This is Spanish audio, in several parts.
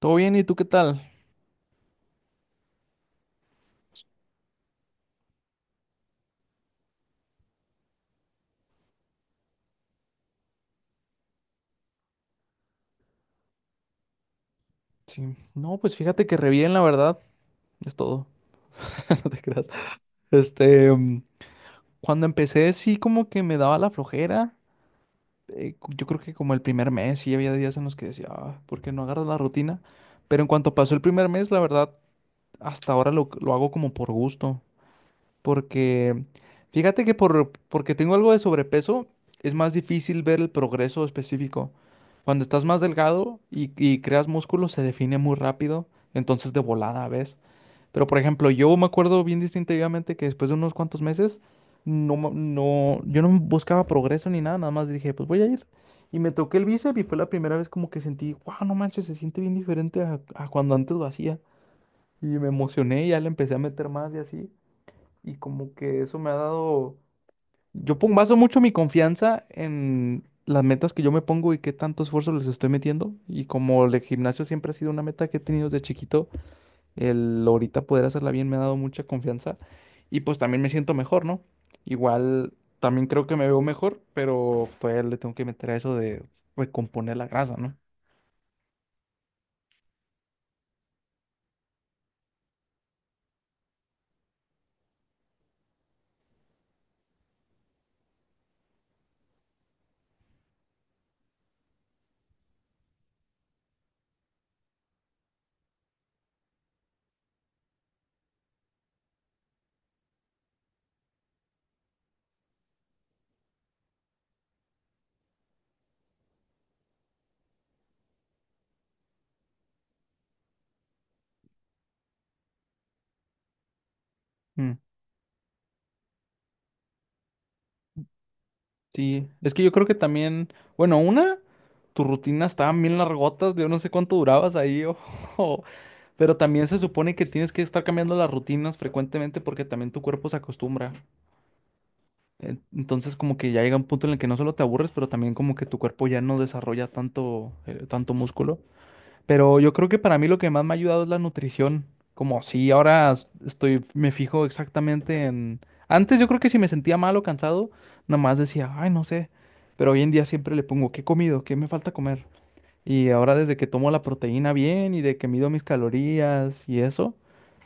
¿Todo bien? ¿Y tú qué tal? Sí. No, pues fíjate que re bien, la verdad. Es todo. No te creas. Este, mm, cuando empecé, sí, como que me daba la flojera. Yo creo que como el primer mes, sí había días en los que decía, ah, ¿por qué no agarras la rutina? Pero en cuanto pasó el primer mes, la verdad, hasta ahora lo hago como por gusto. Porque fíjate que porque tengo algo de sobrepeso, es más difícil ver el progreso específico. Cuando estás más delgado y creas músculo, se define muy rápido, entonces de volada, ¿ves? Pero por ejemplo, yo me acuerdo bien distintivamente que después de unos cuantos meses, no, no, yo no buscaba progreso ni nada, nada más dije, pues voy a ir. Y me toqué el bíceps y fue la primera vez como que sentí, wow, no manches, se siente bien diferente a cuando antes lo hacía. Y me emocioné y ya le empecé a meter más y así. Y como que eso me ha dado, yo pongo, baso mucho mi confianza en las metas que yo me pongo y qué tanto esfuerzo les estoy metiendo. Y como el gimnasio siempre ha sido una meta que he tenido desde chiquito, el ahorita poder hacerla bien me ha dado mucha confianza. Y pues también me siento mejor, ¿no? Igual también creo que me veo mejor, pero todavía le tengo que meter a eso de recomponer la grasa, ¿no? Mm. Sí, es que yo creo que también, bueno, una, tu rutina estaban bien largotas, yo no sé cuánto durabas ahí, o, o- pero también se supone que tienes que estar cambiando las rutinas frecuentemente porque también tu cuerpo se acostumbra. Entonces como que ya llega un punto en el que no solo te aburres, pero también como que tu cuerpo ya no desarrolla tanto, tanto músculo. Pero yo creo que para mí lo que más me ha ayudado es la nutrición. Como sí ahora estoy, me fijo exactamente en... Antes yo creo que si me sentía mal o cansado, nada más decía, ay, no sé. Pero hoy en día siempre le pongo, ¿qué he comido? ¿Qué me falta comer? Y ahora desde que tomo la proteína bien y de que mido mis calorías y eso,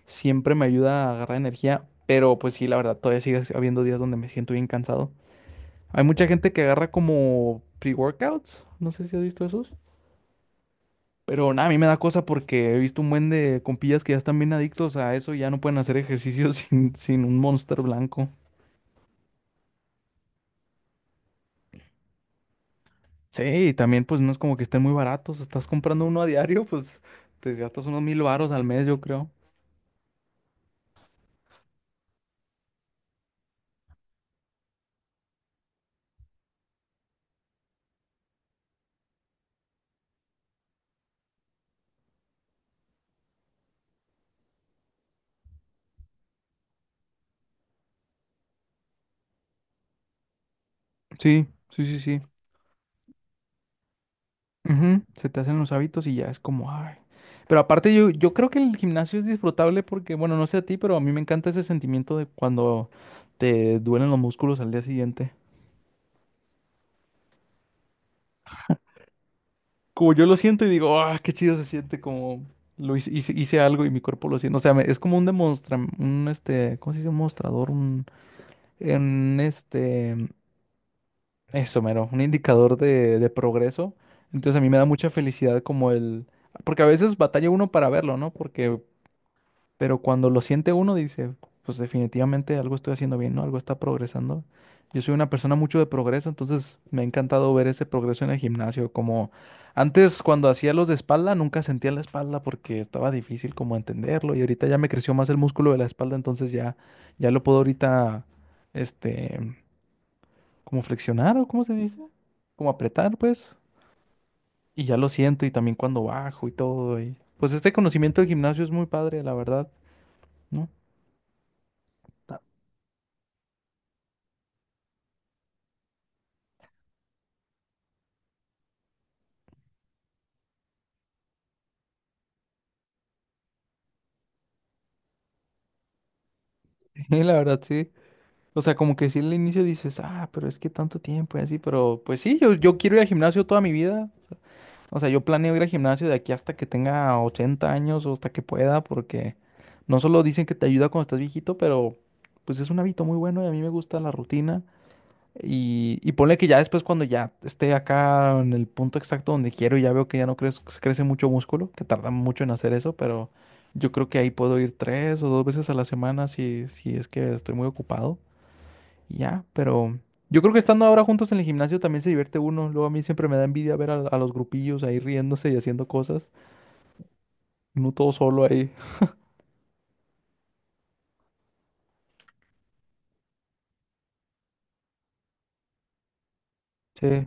siempre me ayuda a agarrar energía. Pero pues sí, la verdad, todavía sigue habiendo días donde me siento bien cansado. Hay mucha gente que agarra como pre-workouts. No sé si has visto esos. Pero nada, a mí me da cosa porque he visto un buen de compillas que ya están bien adictos a eso y ya no pueden hacer ejercicio sin un Monster blanco. Sí, y también pues no es como que estén muy baratos. Estás comprando uno a diario, pues te gastas unos mil varos al mes, yo creo. Sí, sí, sí, sí. Ujú. Se te hacen los hábitos y ya es como, ay. Pero aparte yo creo que el gimnasio es disfrutable porque, bueno, no sé a ti, pero a mí me encanta ese sentimiento de cuando te duelen los músculos al día siguiente. Como yo lo siento y digo, ah, qué chido se siente como lo hice algo y mi cuerpo lo siente. O sea, es como un ¿cómo se dice? Un mostrador, un, en este, eso, mero, un indicador de progreso. Entonces a mí me da mucha felicidad como el, porque a veces batalla uno para verlo, ¿no? Porque Pero cuando lo siente uno, dice, pues definitivamente algo estoy haciendo bien, ¿no? Algo está progresando. Yo soy una persona mucho de progreso, entonces me ha encantado ver ese progreso en el gimnasio. Como antes cuando hacía los de espalda, nunca sentía la espalda porque estaba difícil como entenderlo. Y ahorita ya me creció más el músculo de la espalda, entonces ya, ya lo puedo ahorita, este, como flexionar o cómo se dice, como apretar, pues. Y ya lo siento y también cuando bajo y todo. Y pues este conocimiento del gimnasio es muy padre, la verdad, ¿no? Y la verdad, sí. O sea, como que sí al inicio dices, ah, pero es que tanto tiempo y así, pero pues sí, yo quiero ir al gimnasio toda mi vida. O sea, yo planeo ir al gimnasio de aquí hasta que tenga 80 años o hasta que pueda, porque no solo dicen que te ayuda cuando estás viejito, pero pues es un hábito muy bueno y a mí me gusta la rutina. Y ponle que ya después cuando ya esté acá en el punto exacto donde quiero, ya veo que ya no crece mucho músculo, que tarda mucho en hacer eso, pero yo creo que ahí puedo ir tres o dos veces a la semana si es que estoy muy ocupado. Y ya, pero yo creo que estando ahora juntos en el gimnasio también se divierte uno. Luego a mí siempre me da envidia ver a los grupillos ahí riéndose y haciendo cosas, no todo solo ahí. Sí.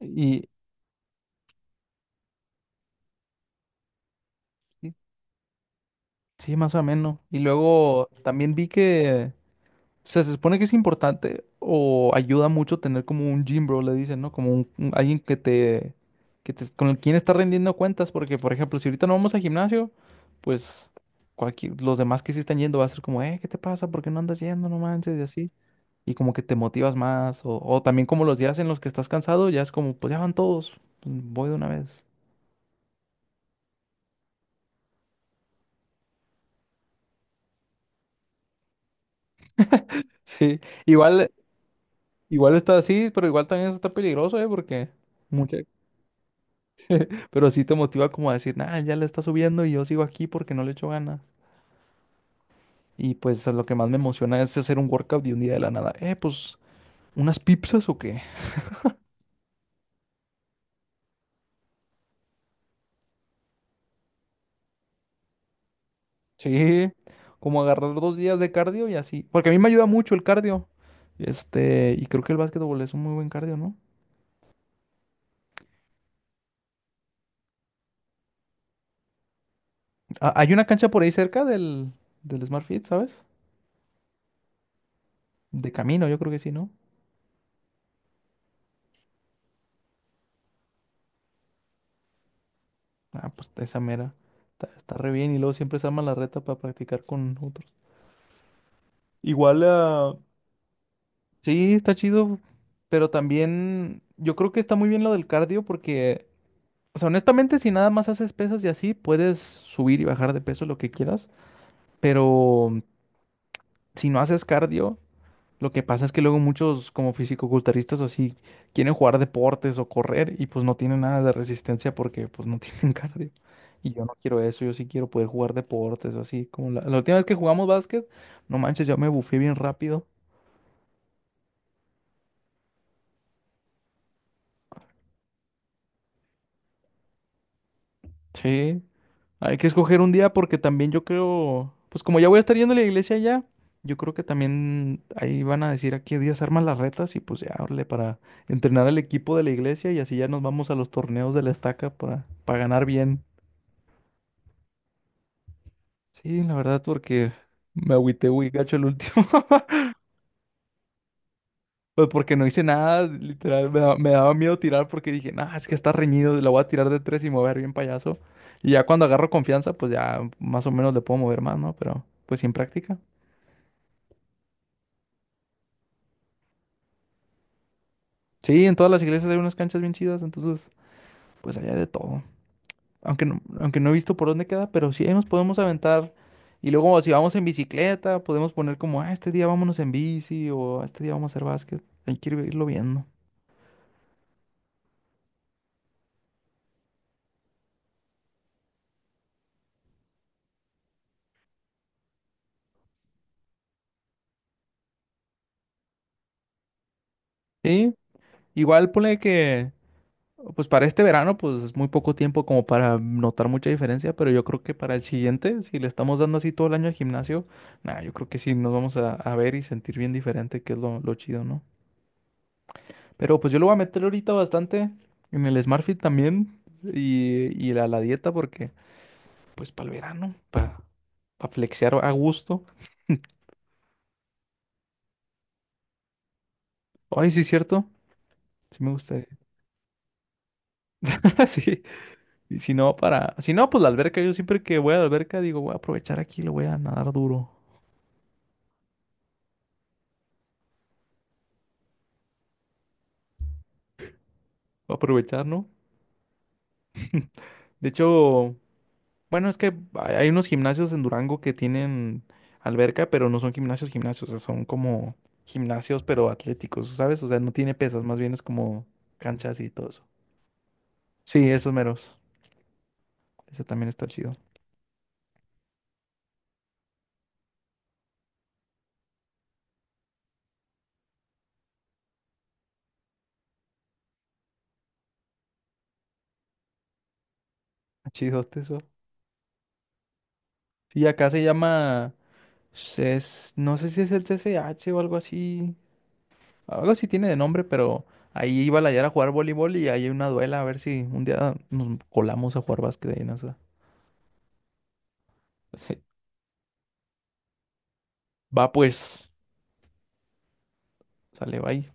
Y y- sí, más o menos. Y luego también vi que... O sea, se supone que es importante o ayuda mucho tener como un gym bro, le dicen, ¿no? Como alguien que te, con quien está rendiendo cuentas, porque por ejemplo, si ahorita no vamos al gimnasio, pues cualquier, los demás que sí están yendo va a ser como, ¿qué te pasa? ¿Por qué no andas yendo? No manches, y así. Y como que te motivas más, o también como los días en los que estás cansado, ya es como, pues ya van todos, pues, voy de una vez. Sí, igual, igual está así, pero igual también eso está peligroso, ¿eh? Porque mucha, pero sí te motiva como a decir, nah, ya le está subiendo y yo sigo aquí porque no le echo ganas. Y pues lo que más me emociona es hacer un workout de un día de la nada. Pues, ¿unas pizzas o qué? Sí, como agarrar dos días de cardio y así. Porque a mí me ayuda mucho el cardio. Este, y creo que el básquetbol es un muy buen cardio, ¿no? Ah, hay una cancha por ahí cerca del Smart Fit, ¿sabes? De camino, yo creo que sí, ¿no? Ah, pues esa mera. Está re bien y luego siempre se arma la reta para practicar con otros. Igual, ah, sí, está chido, pero también yo creo que está muy bien lo del cardio porque, o sea, honestamente, si nada más haces pesas y así, puedes subir y bajar de peso lo que quieras, pero mm, si no haces cardio, lo que pasa es que luego muchos como fisicoculturistas o así quieren jugar deportes o correr y pues no tienen nada de resistencia porque pues no tienen cardio. Y yo no quiero eso, yo sí quiero poder jugar deportes o así, como la última vez que jugamos básquet, no manches, yo me bufé bien rápido. Sí. Hay que escoger un día porque también yo creo, pues como ya voy a estar yendo a la iglesia ya, yo creo que también ahí van a decir a qué días arman las retas y pues ya, órale, para entrenar al equipo de la iglesia y así ya nos vamos a los torneos de la estaca para ganar bien. Sí, la verdad, porque me agüité muy gacho el último, pues porque no hice nada, literal, me daba miedo tirar porque dije, nah, es que está reñido, la voy a tirar de tres y me voy a ver bien payaso. Y ya cuando agarro confianza, pues ya más o menos le puedo mover más, ¿no? Pero pues sin práctica. Sí, en todas las iglesias hay unas canchas bien chidas, entonces pues allá de todo. Aunque no he visto por dónde queda, pero sí ahí nos podemos aventar. Y luego si vamos en bicicleta, podemos poner como, ah, este día vámonos en bici o "Ah, este día vamos a hacer básquet". Hay que irlo viendo. Sí, igual ponle que, pues para este verano, pues es muy poco tiempo como para notar mucha diferencia, pero yo creo que para el siguiente, si le estamos dando así todo el año al gimnasio, nada, yo creo que sí nos vamos a ver y sentir bien diferente, que es lo chido, ¿no? Pero pues yo lo voy a meter ahorita bastante en el Smart Fit también y a la dieta porque pues para el verano, para flexear a gusto. Ay, sí, cierto. Sí me gustaría. Sí. Y si no, para... Si no, pues la alberca. Yo siempre que voy a la alberca digo, voy a aprovechar aquí, lo voy a nadar duro. Voy a aprovechar, ¿no? De hecho... Bueno, es que hay unos gimnasios en Durango que tienen alberca, pero no son gimnasios, gimnasios, o sea, son como gimnasios, pero atléticos, ¿sabes? O sea, no tiene pesas, más bien es como canchas y todo eso. Sí, esos meros. Ese también está chido. Chidote eso. Sí, acá se llama CES, no sé si es el CCH o algo así. Algo así tiene de nombre, pero ahí iba la Yara a jugar voleibol y ahí hay una duela, a ver si un día nos colamos a jugar básquet ahí en esa. Sí. Va pues, sale, bye.